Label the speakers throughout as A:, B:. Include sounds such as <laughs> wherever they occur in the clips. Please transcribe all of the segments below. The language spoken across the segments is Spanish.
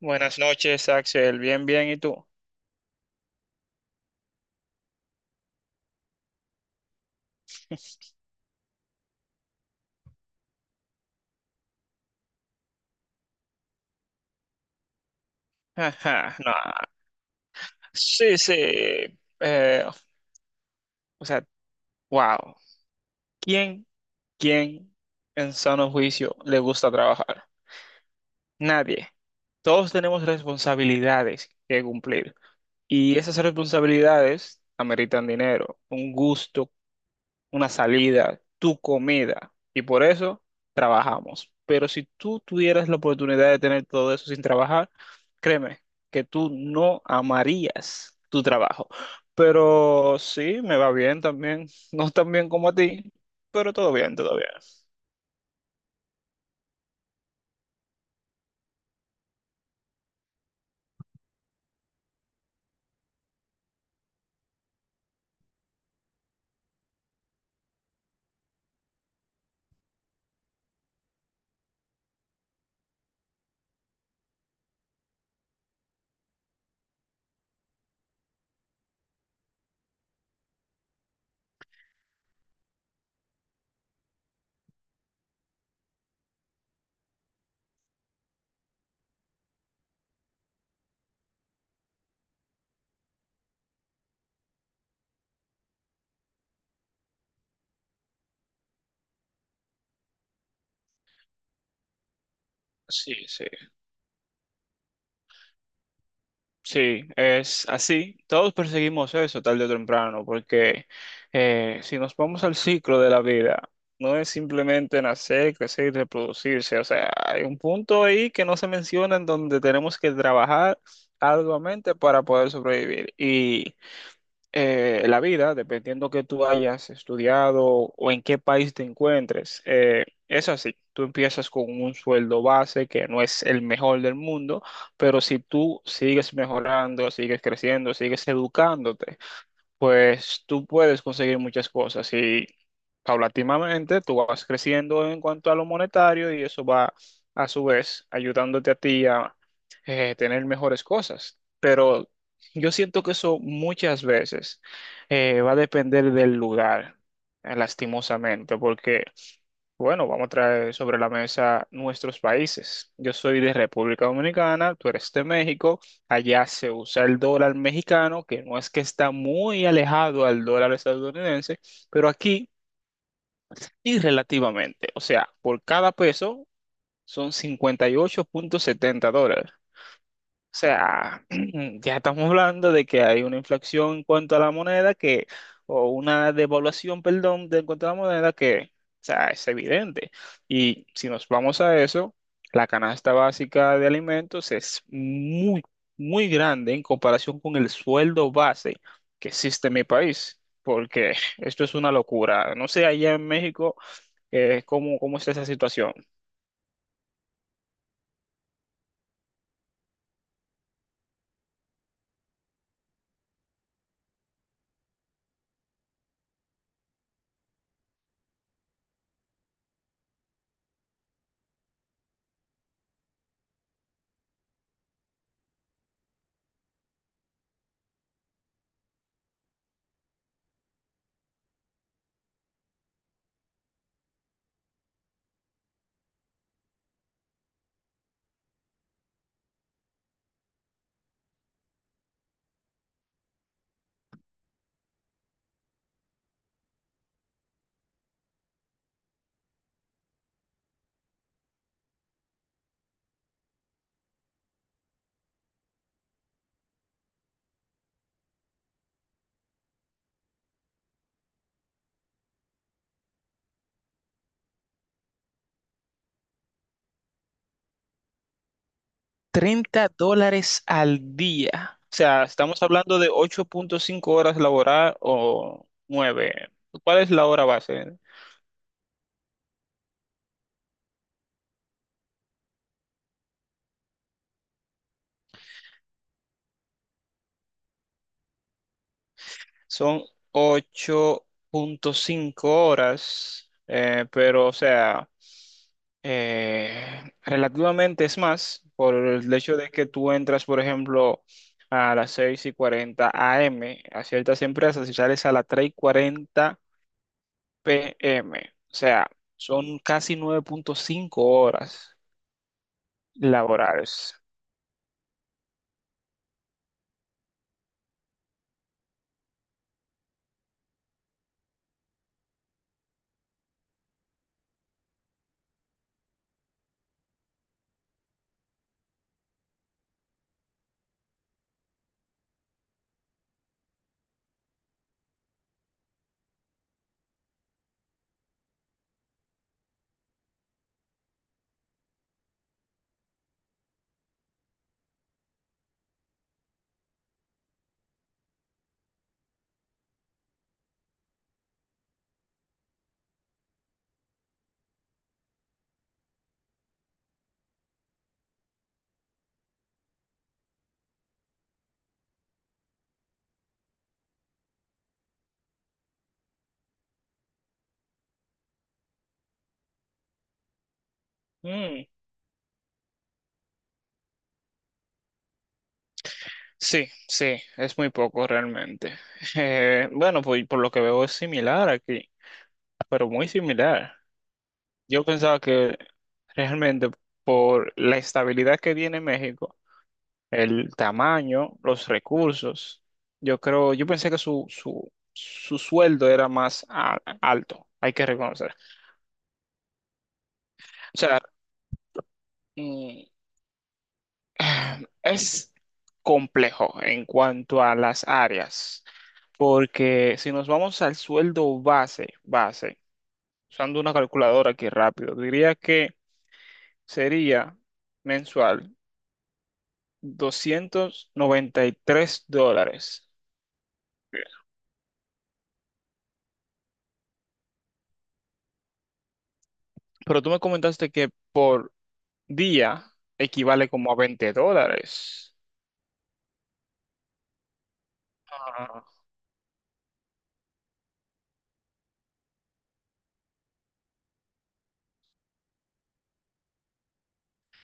A: Buenas noches, Axel. Bien, bien. ¿Y tú? <laughs> Ajá, no. Sí, sí. Eh, o sea, wow. ¿Quién, quién en sano juicio le gusta trabajar? Nadie. Todos tenemos responsabilidades que cumplir. Y esas responsabilidades ameritan dinero, un gusto una salida, tu comida. Y por eso trabajamos. Pero si tú tuvieras la oportunidad de tener todo eso sin trabajar, créeme que tú no amarías tu trabajo. Pero sí, me va bien también. No tan bien como a ti, pero todo bien, todo bien. Sí, sí. Sí, es así. Todos perseguimos eso tarde o temprano, porque si nos vamos al ciclo de la vida, no es simplemente nacer, crecer y reproducirse. O sea, hay un punto ahí que no se menciona en donde tenemos que trabajar arduamente para poder sobrevivir. Y la vida, dependiendo que tú hayas estudiado o en qué país te encuentres, es así. Tú empiezas con un sueldo base que no es el mejor del mundo, pero si tú sigues mejorando, sigues creciendo, sigues educándote, pues tú puedes conseguir muchas cosas y paulatinamente tú vas creciendo en cuanto a lo monetario y eso va a su vez ayudándote a ti a tener mejores cosas. Pero yo siento que eso muchas veces va a depender del lugar, lastimosamente, porque, bueno, vamos a traer sobre la mesa nuestros países. Yo soy de República Dominicana, tú eres de México. Allá se usa el dólar mexicano, que no es que está muy alejado al dólar estadounidense, pero aquí y relativamente. O sea, por cada peso son 58.70 dólares. O sea, <clears throat> ya estamos hablando de que hay una inflación en cuanto a la moneda que, o una devaluación, perdón, de en cuanto a la moneda que, o sea, es evidente. Y si nos vamos a eso, la canasta básica de alimentos es muy, muy grande en comparación con el sueldo base que existe en mi país, porque esto es una locura. No sé, allá en México, ¿Cómo está esa situación? 30 dólares al día. O sea, estamos hablando de 8.5 horas laboral o 9. ¿Cuál es la hora base? Son 8.5 horas, pero o sea, eh, relativamente es más por el hecho de que tú entras, por ejemplo, a las seis y 40 AM a ciertas empresas y sales a las tres y cuarenta PM. O sea, son casi 9.5 horas laborales. Mm, sí, sí, es muy poco realmente. <laughs> Bueno, pues por lo que veo es similar aquí, pero muy similar. Yo pensaba que realmente por la estabilidad que tiene México, el tamaño, los recursos, yo creo, yo pensé que su sueldo era más alto, hay que reconocer. O sea, mm, <sighs> Es complejo en cuanto a las áreas, porque si nos vamos al sueldo base, base, usando una calculadora aquí rápido, diría que sería mensual 293 dólares. Pero tú me comentaste que por día equivale como a 20 dólares. Ah,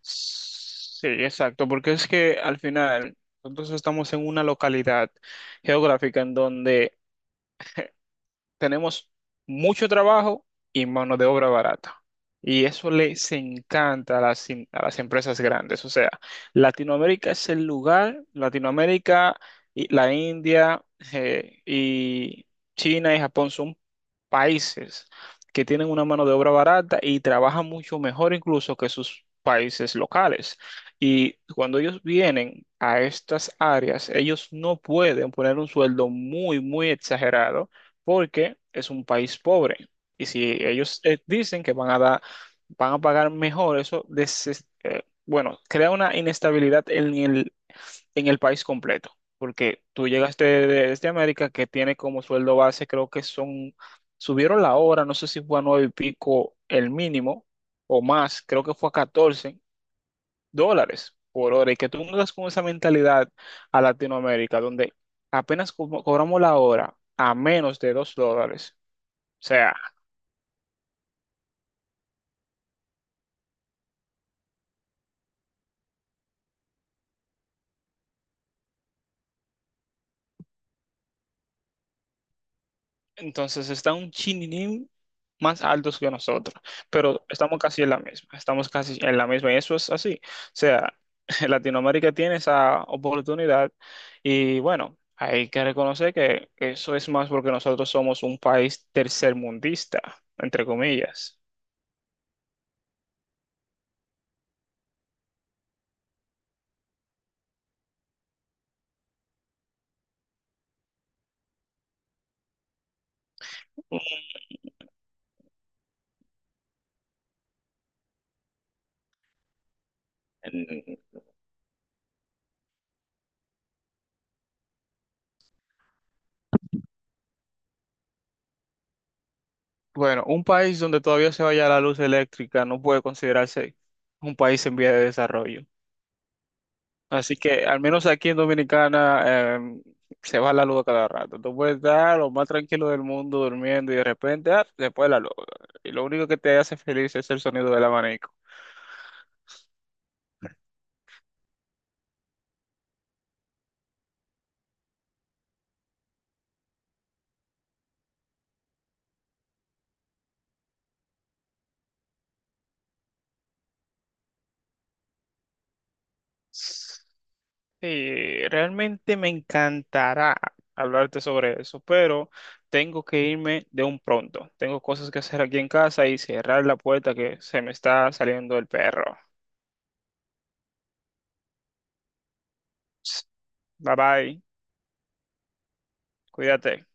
A: sí, exacto, porque es que al final nosotros estamos en una localidad geográfica en donde tenemos mucho trabajo y mano de obra barata. Y eso les encanta a a las empresas grandes. O sea, Latinoamérica es el lugar, Latinoamérica, y la India y China y Japón son países que tienen una mano de obra barata y trabajan mucho mejor incluso que sus países locales. Y cuando ellos vienen a estas áreas, ellos no pueden poner un sueldo muy, muy exagerado porque es un país pobre. Y si ellos dicen que van a dar, van a pagar mejor, eso, bueno, crea una inestabilidad en el país completo. Porque tú llegaste desde América, que tiene como sueldo base, creo que son, subieron la hora, no sé si fue a nueve y pico el mínimo o más, creo que fue a 14 dólares por hora. Y que tú mudas con esa mentalidad a Latinoamérica, donde apenas cobramos la hora a menos de 2 dólares o sea, entonces está un chininín más altos que nosotros, pero estamos casi en la misma, estamos casi en la misma y eso es así. O sea, <laughs> Latinoamérica tiene esa oportunidad y bueno, hay que reconocer que eso es más porque nosotros somos un país tercermundista, entre comillas. Mm. Bueno, un país donde todavía se vaya la luz eléctrica no puede considerarse un país en vía de desarrollo. Así que al menos aquí en Dominicana se va la luz a cada rato. Tú puedes estar lo más tranquilo del mundo durmiendo y de repente, ah, se fue la luz. Y lo único que te hace feliz es el sonido del abanico. Sí, realmente me encantará hablarte sobre eso, pero tengo que irme de un pronto. Tengo cosas que hacer aquí en casa y cerrar la puerta que se me está saliendo el perro. Bye bye, cuídate.